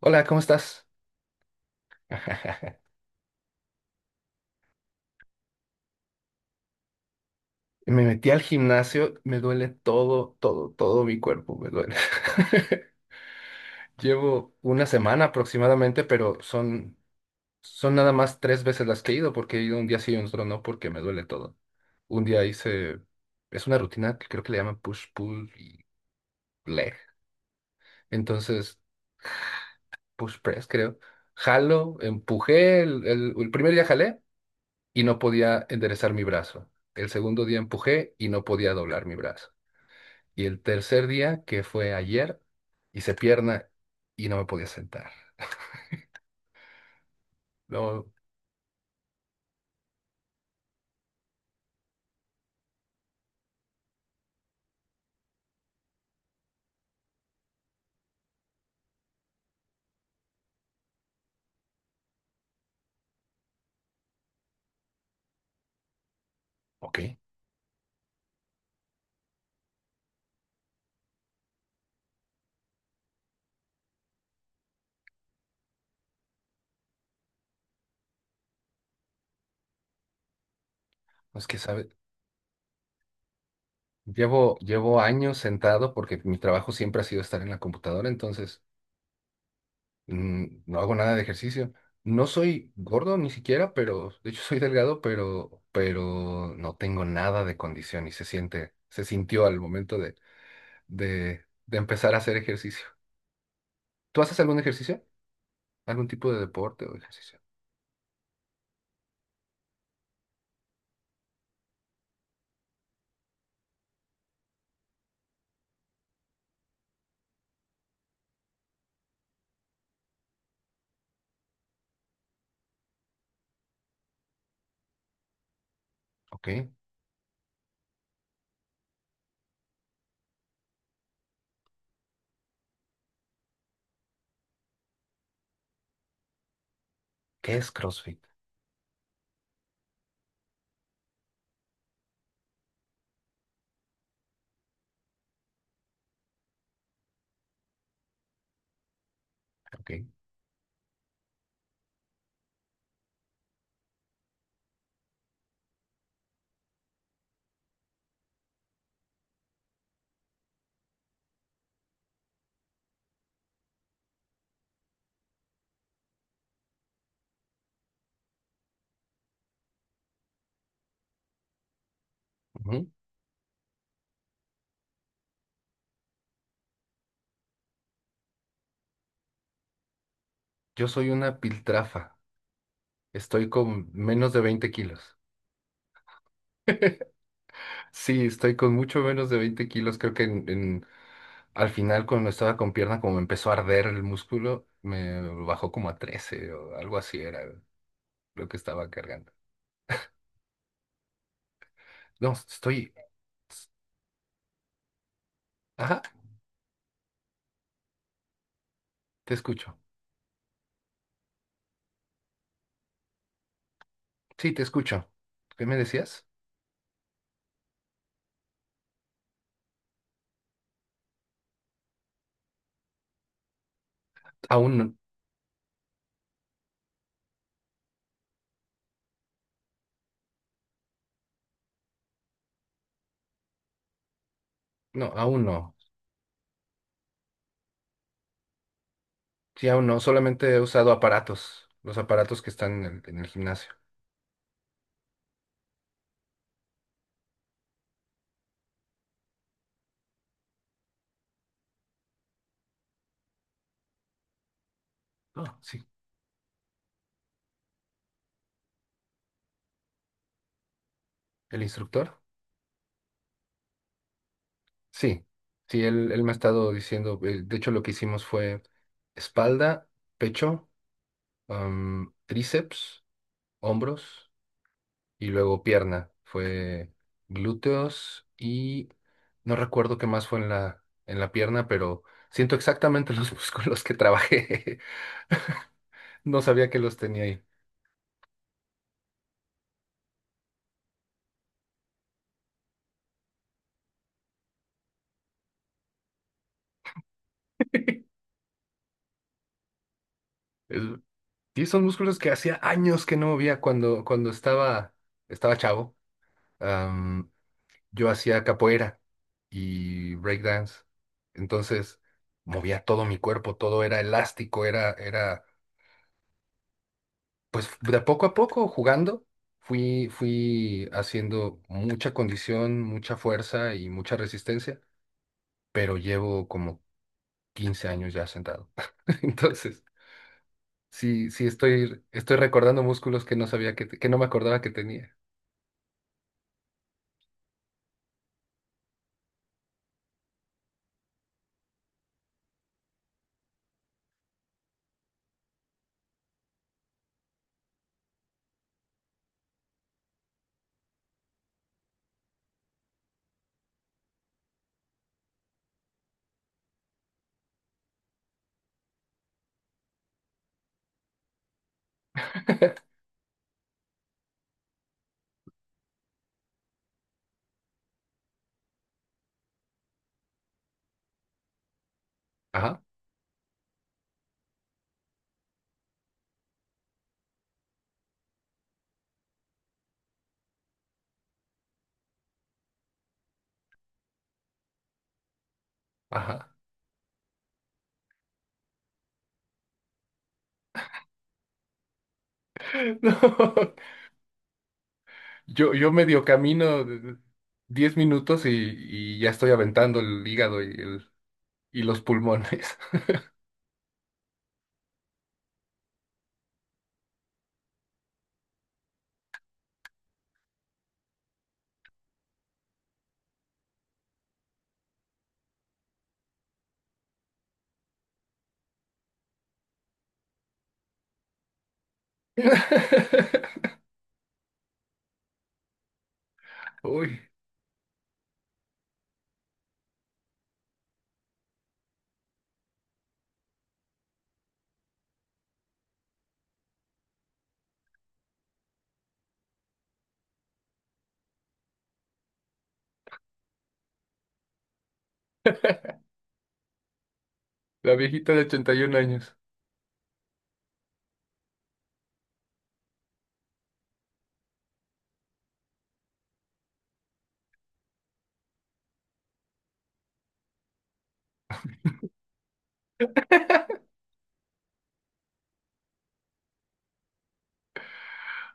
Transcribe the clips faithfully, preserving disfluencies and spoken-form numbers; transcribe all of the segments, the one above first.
Hola, ¿cómo estás? Me metí al gimnasio, me duele todo, todo, todo mi cuerpo, me duele. Llevo una semana aproximadamente, pero son, son nada más tres veces las que he ido, porque he ido un día sí y otro no, porque me duele todo. Un día hice, es una rutina que creo que le llaman push, pull y leg. Entonces, push press, creo. Jalo, empujé, el, el el primer día jalé y no podía enderezar mi brazo. El segundo día empujé y no podía doblar mi brazo. Y el tercer día, que fue ayer, hice pierna y no me podía sentar. Luego, ok, no es que, ¿sabes? Llevo, llevo años sentado porque mi trabajo siempre ha sido estar en la computadora, entonces mm, no hago nada de ejercicio. No soy gordo ni siquiera, pero de hecho soy delgado, pero, pero no tengo nada de condición y se siente, se sintió al momento de, de, de empezar a hacer ejercicio. ¿Tú haces algún ejercicio? ¿Algún tipo de deporte o ejercicio? Ok. ¿Qué es CrossFit? Ok. Ujú. Yo soy una piltrafa. Estoy con menos de veinte kilos. Sí, estoy con mucho menos de veinte kilos. Creo que en- en- al final, cuando estaba con pierna, como me empezó a arder el músculo, me bajó como a trece o algo así era lo que estaba cargando. No, estoy. Ajá, te escucho. Sí, te escucho. ¿Qué me decías? Aún no. No, aún no. Sí, aún no. Solamente he usado aparatos. Los aparatos que están en el, en el gimnasio. Ah, sí. ¿El instructor? Sí, sí, él, él me ha estado diciendo, eh, de hecho lo que hicimos fue espalda, pecho, am, tríceps, hombros y luego pierna. Fue glúteos y no recuerdo qué más fue en la, en la pierna, pero siento exactamente los músculos que trabajé. No sabía que los tenía ahí. El- y son músculos que hacía años que no movía cuando, cuando estaba, estaba chavo. Yo hacía capoeira y breakdance. Entonces movía todo mi cuerpo, todo era elástico, era, era, pues de poco a poco jugando, fui, fui haciendo mucha condición, mucha fuerza y mucha resistencia, pero llevo como quince años ya sentado. Entonces, sí, sí estoy, estoy recordando músculos que no sabía que, te- que no me acordaba que tenía. Ajá, ajá. No. Yo, yo medio camino de- diez minutos y, y ya estoy aventando el hígado y, el, y los pulmones. Uy, la viejita de ochenta y uno años.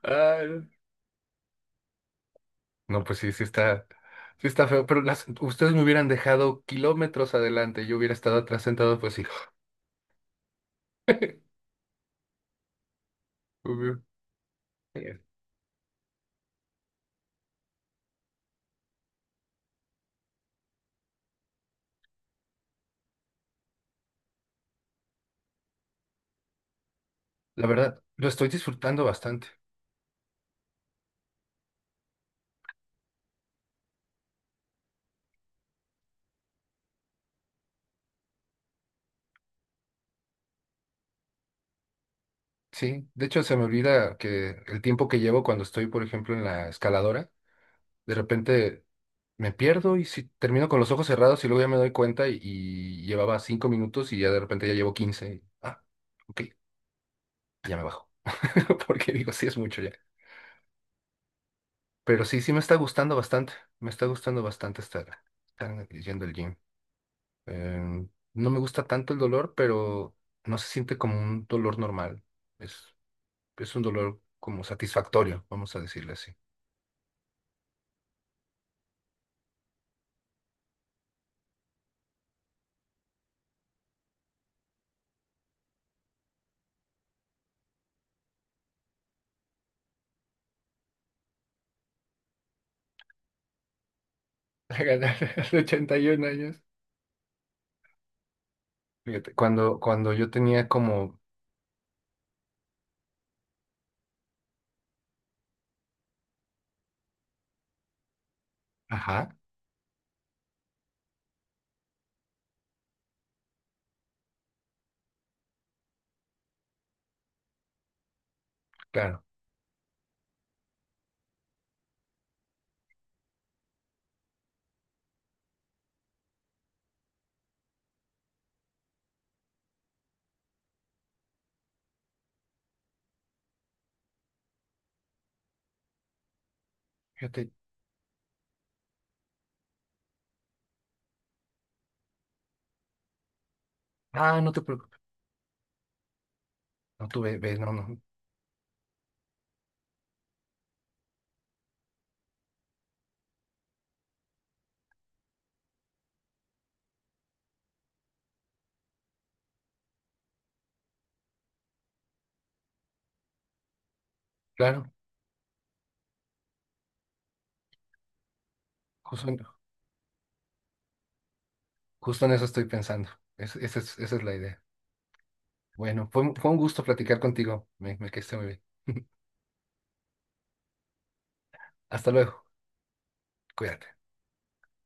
Ay, no, pues sí, sí está, sí está feo, pero las, ustedes me hubieran dejado kilómetros adelante, yo hubiera estado atrás sentado, pues sí. Eh, La verdad, lo estoy disfrutando bastante. Sí, de hecho se me olvida que el tiempo que llevo cuando estoy, por ejemplo, en la escaladora, de repente me pierdo y si termino con los ojos cerrados y luego ya me doy cuenta y, y llevaba cinco minutos y ya de repente ya llevo quince. Ah, ok, ya me bajo. Porque digo, sí es mucho ya. Pero sí, sí me está gustando bastante. Me está gustando bastante estar, estar yendo al gym. Em, no me gusta tanto el dolor, pero no se siente como un dolor normal. Es, es un dolor como satisfactorio, vamos a decirle así. A ganar a los ochenta y uno años. Fíjate, cuando, cuando yo tenía como... Ajá, claro. Fíjate, ah, no te preocupes. No, tú ve, ve, no, no. Claro, justo en, justo en eso estoy pensando. Es- esa es, esa es la idea. Bueno, fue, un- fue un gusto platicar contigo. Me, me quedé muy bien. Hasta luego. Cuídate.